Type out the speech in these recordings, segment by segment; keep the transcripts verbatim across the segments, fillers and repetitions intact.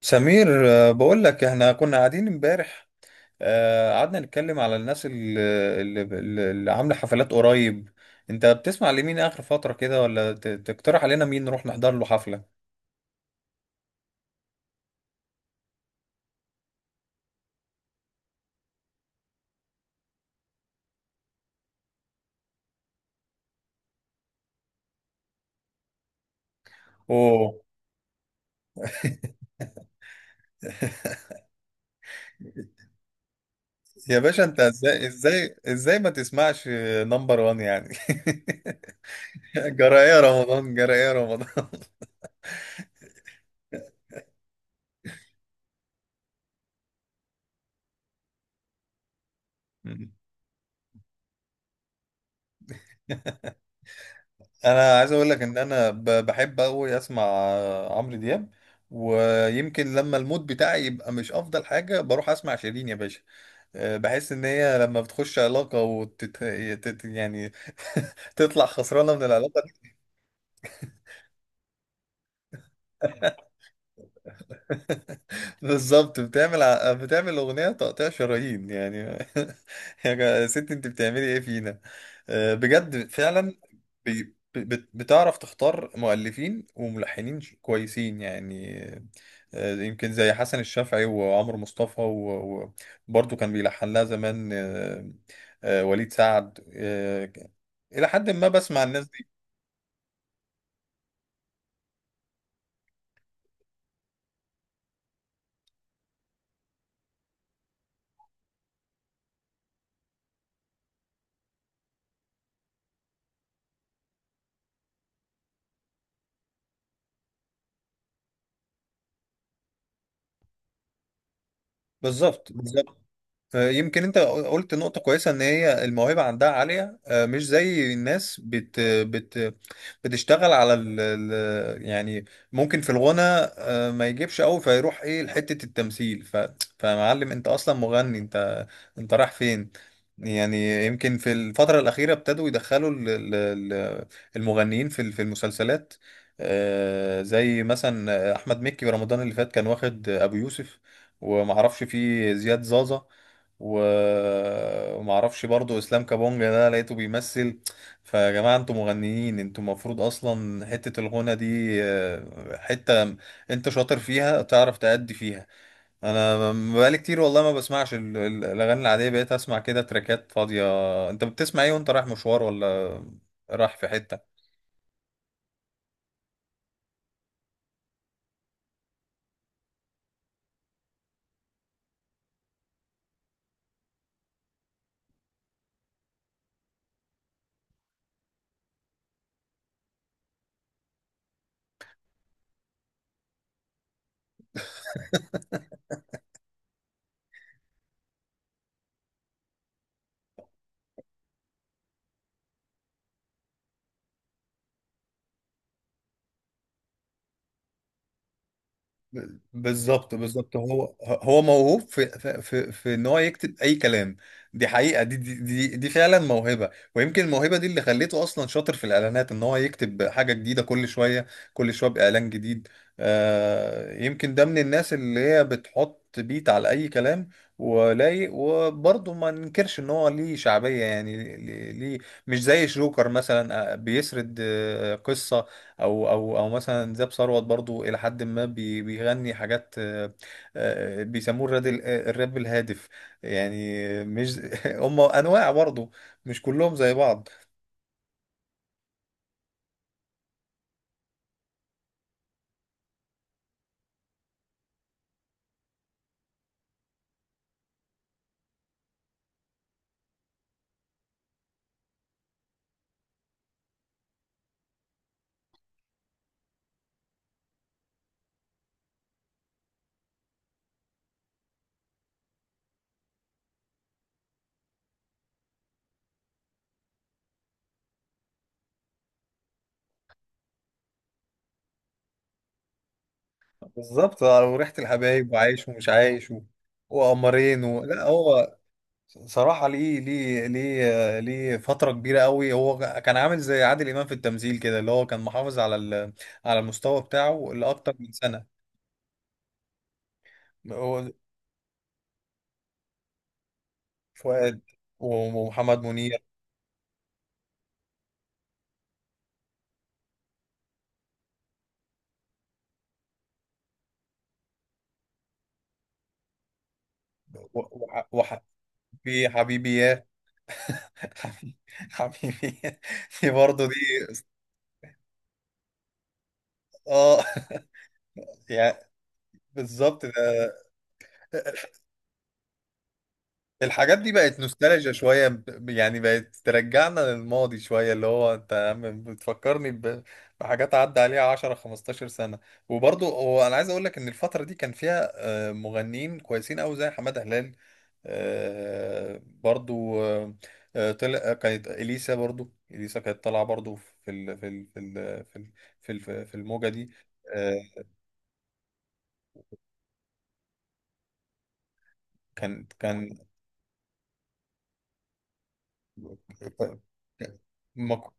سمير، آه، بقول لك احنا كنا قاعدين امبارح. آه، قعدنا نتكلم على الناس اللي, اللي, اللي عامله حفلات قريب. انت بتسمع لمين اخر فتره كده، ولا ت- تقترح علينا مين نروح نحضر له حفله؟ اوه. يا باشا، انت ازاي ازاي ازاي ما تسمعش نمبر وان يعني؟ جرى ايه رمضان؟ جرى ايه رمضان؟ انا عايز اقول لك ان انا ب- بحب قوي اسمع آه، عمرو دياب. ويمكن لما المود بتاعي يبقى مش افضل حاجه بروح اسمع شيرين يا باشا. آه، بحس ان هي لما بتخش علاقة وتت... تت... يعني تطلع خسرانة من العلاقة دي. بالظبط، بتعمل ع- بتعمل اغنية تقطيع شرايين يعني. يا جا- يا ست، انت بتعملي ايه فينا؟ آه، بجد فعلا. بي- بت- بتعرف تختار مؤلفين وملحنين ش- كويسين يعني. آه، يمكن زي حسن الشافعي وعمرو مصطفى و- وبرضه كان بيلحن لها زمان. آه، آه، وليد سعد. آه، إلى حد ما بسمع الناس دي. بالظبط. آه، يمكن انت قلت نقطة كويسة، ان هي الموهبة عندها عالية. آه، مش زي الناس بت بت بتشتغل على ال ال- يعني، ممكن في الغنى آه، ما يجيبش قوي فيروح ايه لحتة التمثيل. ف فمعلم، انت اصلا مغني. انت انت رايح فين؟ يعني يمكن في الفترة الأخيرة ابتدوا يدخلوا ال- ال- ال- المغنيين في ال- في المسلسلات. آه، زي مثلا أحمد مكي. رمضان اللي فات كان واخد أبو يوسف، ومعرفش فيه زياد زازا، و- وما اعرفش برضو اسلام كابونجا ده لقيته بيمثل. فيا جماعه، انتوا مغنيين، انتوا المفروض اصلا حته الغنى دي، آه، حته انت شاطر فيها تعرف تأدي فيها. انا م- بقالي كتير والله ما بسمعش ال- ال- الاغاني العاديه، بقيت اسمع كده تراكات فاضيه. انت بتسمع ايه وانت رايح مشوار، ولا رايح في حته؟ ب- بالظبط بالظبط، هو هو موهوب في في في في ان هو يكتب اي كلام. دي حقيقه، دي دي دي, دي فعلا موهبه. ويمكن الموهبه دي اللي خليته اصلا شاطر في الاعلانات، ان هو يكتب حاجه جديده كل شويه، كل شويه باعلان جديد. آه يمكن ده من الناس اللي هي بتحط بيت على اي كلام ولايق. وبرضه ما ننكرش ان هو ليه شعبيه، يعني ليه ليه- مش زي شروكر مثلا، آه، بيسرد آه، قصه. او او او مثلا زاب ثروت، برضو الى حد ما بي- بيغني حاجات، آه، آه، بيسموه الراب، ال- الراب الهادف يعني. مش هم انواع برضو، مش كلهم زي بعض. بالظبط، وريحة الحبايب، وعايش ومش عايش، و- وقمرين و... لا هو صراحة. ليه ليه ليه، آه، ليه فترة كبيرة قوي هو كان عامل زي عادل إمام في التمثيل كده، اللي هو كان محافظ على ال... على المستوى بتاعه لأكتر من سنة. هو فؤاد ومحمد منير. وح... وح... في حبيبي يا حبيبي، حبيبي دي برضه دي. اه يعني، بالظبط ده. الحاجات دي بقت نوستالجيا شوية، ب- يعني بقت ترجعنا للماضي شوية، اللي هو انت يا عم بتفكرني ب- بحاجات عدى عليها عشر خمستاشر سنة. وبرضه هو انا عايز اقول لك ان الفترة دي كان فيها آه، مغنيين كويسين قوي زي حمادة هلال، آه، برضو. آه، آه، طلع كانت اليسا، برضو اليسا كانت طالعه برضو في ال في ال في ال في ال في ال- في الموجه دي. آه، كان كان ما ك-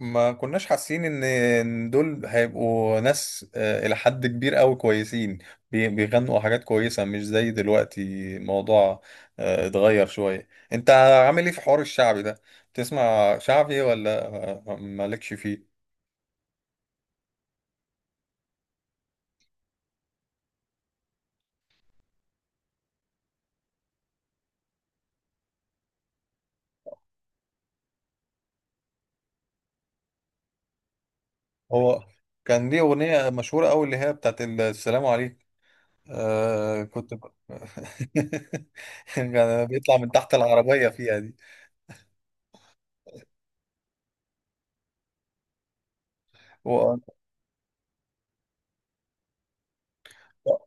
ما كناش حاسين ان إن دول هيبقوا ناس آه، الى حد كبير قوي كويسين، بي- بيغنوا حاجات كويسه، مش زي دلوقتي. الموضوع آه، اتغير شويه. انت عامل ايه في حوار الشعبي ده؟ تسمع شعبي، ولا آه، مالكش فيه؟ هو كان ليه أغنية مشهورة أوي، اللي هي بتاعت السلام عليكم. آه كنت ب... كان بيطلع من تحت العربية فيها دي و... اه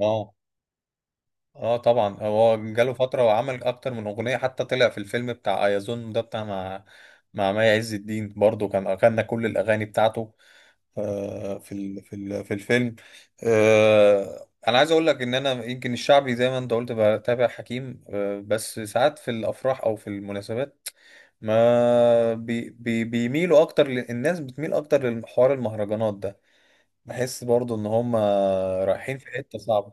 اه. آه، طبعا هو جاله فترة وعمل أكتر من أغنية، حتى طلع في الفيلم بتاع أيازون ده بتاع مع مع مي عز الدين، برضه كان أغنى كل الأغاني بتاعته. آه، في ال- في ال- في الفيلم. آه، انا عايز اقول لك ان انا يمكن الشعبي، زي ما انت قلت، بتابع حكيم، آه، بس ساعات في الافراح او في المناسبات ما بي بي بيميلوا اكتر ل- الناس بتميل اكتر لحوار المهرجانات ده. بحس برضو ان هم رايحين في حتة صعبة.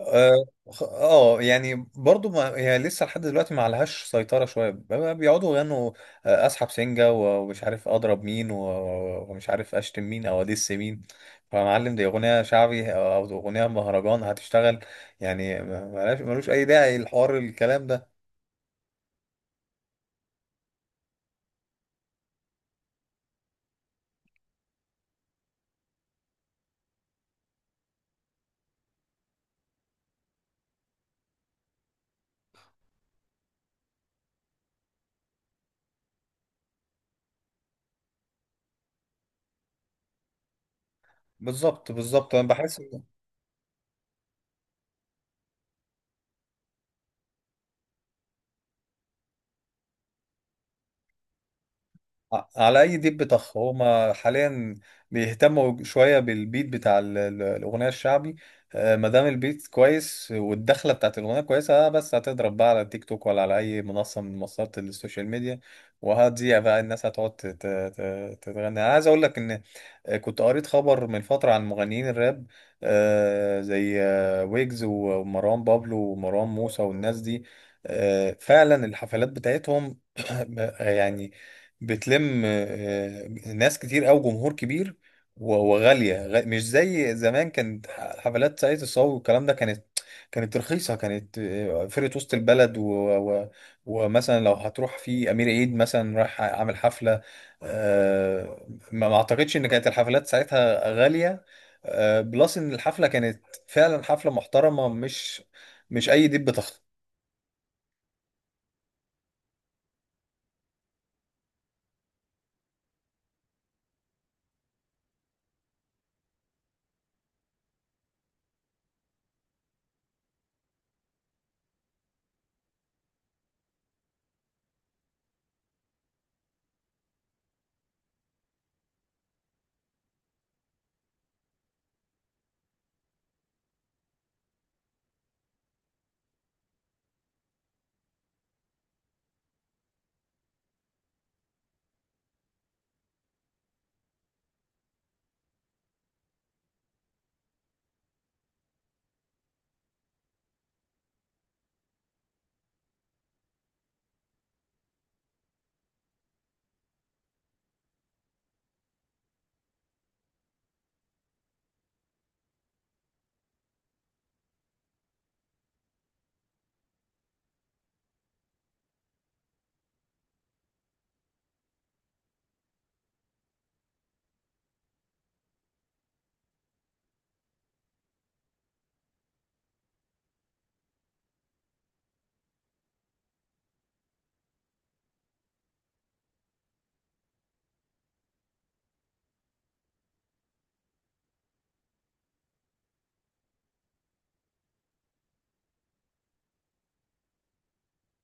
اه، خ- آه، يعني برضو، ما هي لسه لحد دلوقتي ما عليهاش سيطرة شوية، بقى بيقعدوا يغنوا آه، اسحب سنجة، و- ومش عارف اضرب مين، و- و- ومش عارف اشتم مين او ادس مين. فمعلم دي اغنية شعبي او اغنية مهرجان، هتشتغل يعني، ما- ملهاش- ملوش اي داعي الحوار الكلام ده. بالظبط بالظبط، انا بحس ع- على اي ديب بطخ. هما حاليا بيهتموا شويه بالبيت بتاع ال- ال- الاغنيه الشعبي. آه، ما دام البيت كويس والدخله بتاعت الاغنيه كويسه، آه، بس هتضرب بقى على تيك توك، ولا على اي منصه من منصات السوشيال ميديا، وهتذيع بقى. الناس هتقعد ت- ت- ت- تتغني. انا عايز اقول لك ان آه، كنت قريت خبر من فتره عن مغنيين الراب، آه، زي آه، ويجز ومروان بابلو ومروان موسى والناس دي. آه، فعلا الحفلات بتاعتهم يعني بتلم آه، ناس كتير أوي، جمهور كبير، و- وغالية. غ- مش زي زمان، كانت ح- حفلات سعيد الصاوي والكلام ده كانت، كانت رخيصة، كانت آه، فرقة وسط البلد و... و... ومثلا لو هتروح في أمير عيد مثلا، رايح عامل حفلة، آه، ما ما أعتقدش إن كانت الحفلات ساعتها غالية. آه، بلس إن الحفلة كانت فعلا حفلة محترمة، مش مش أي دب.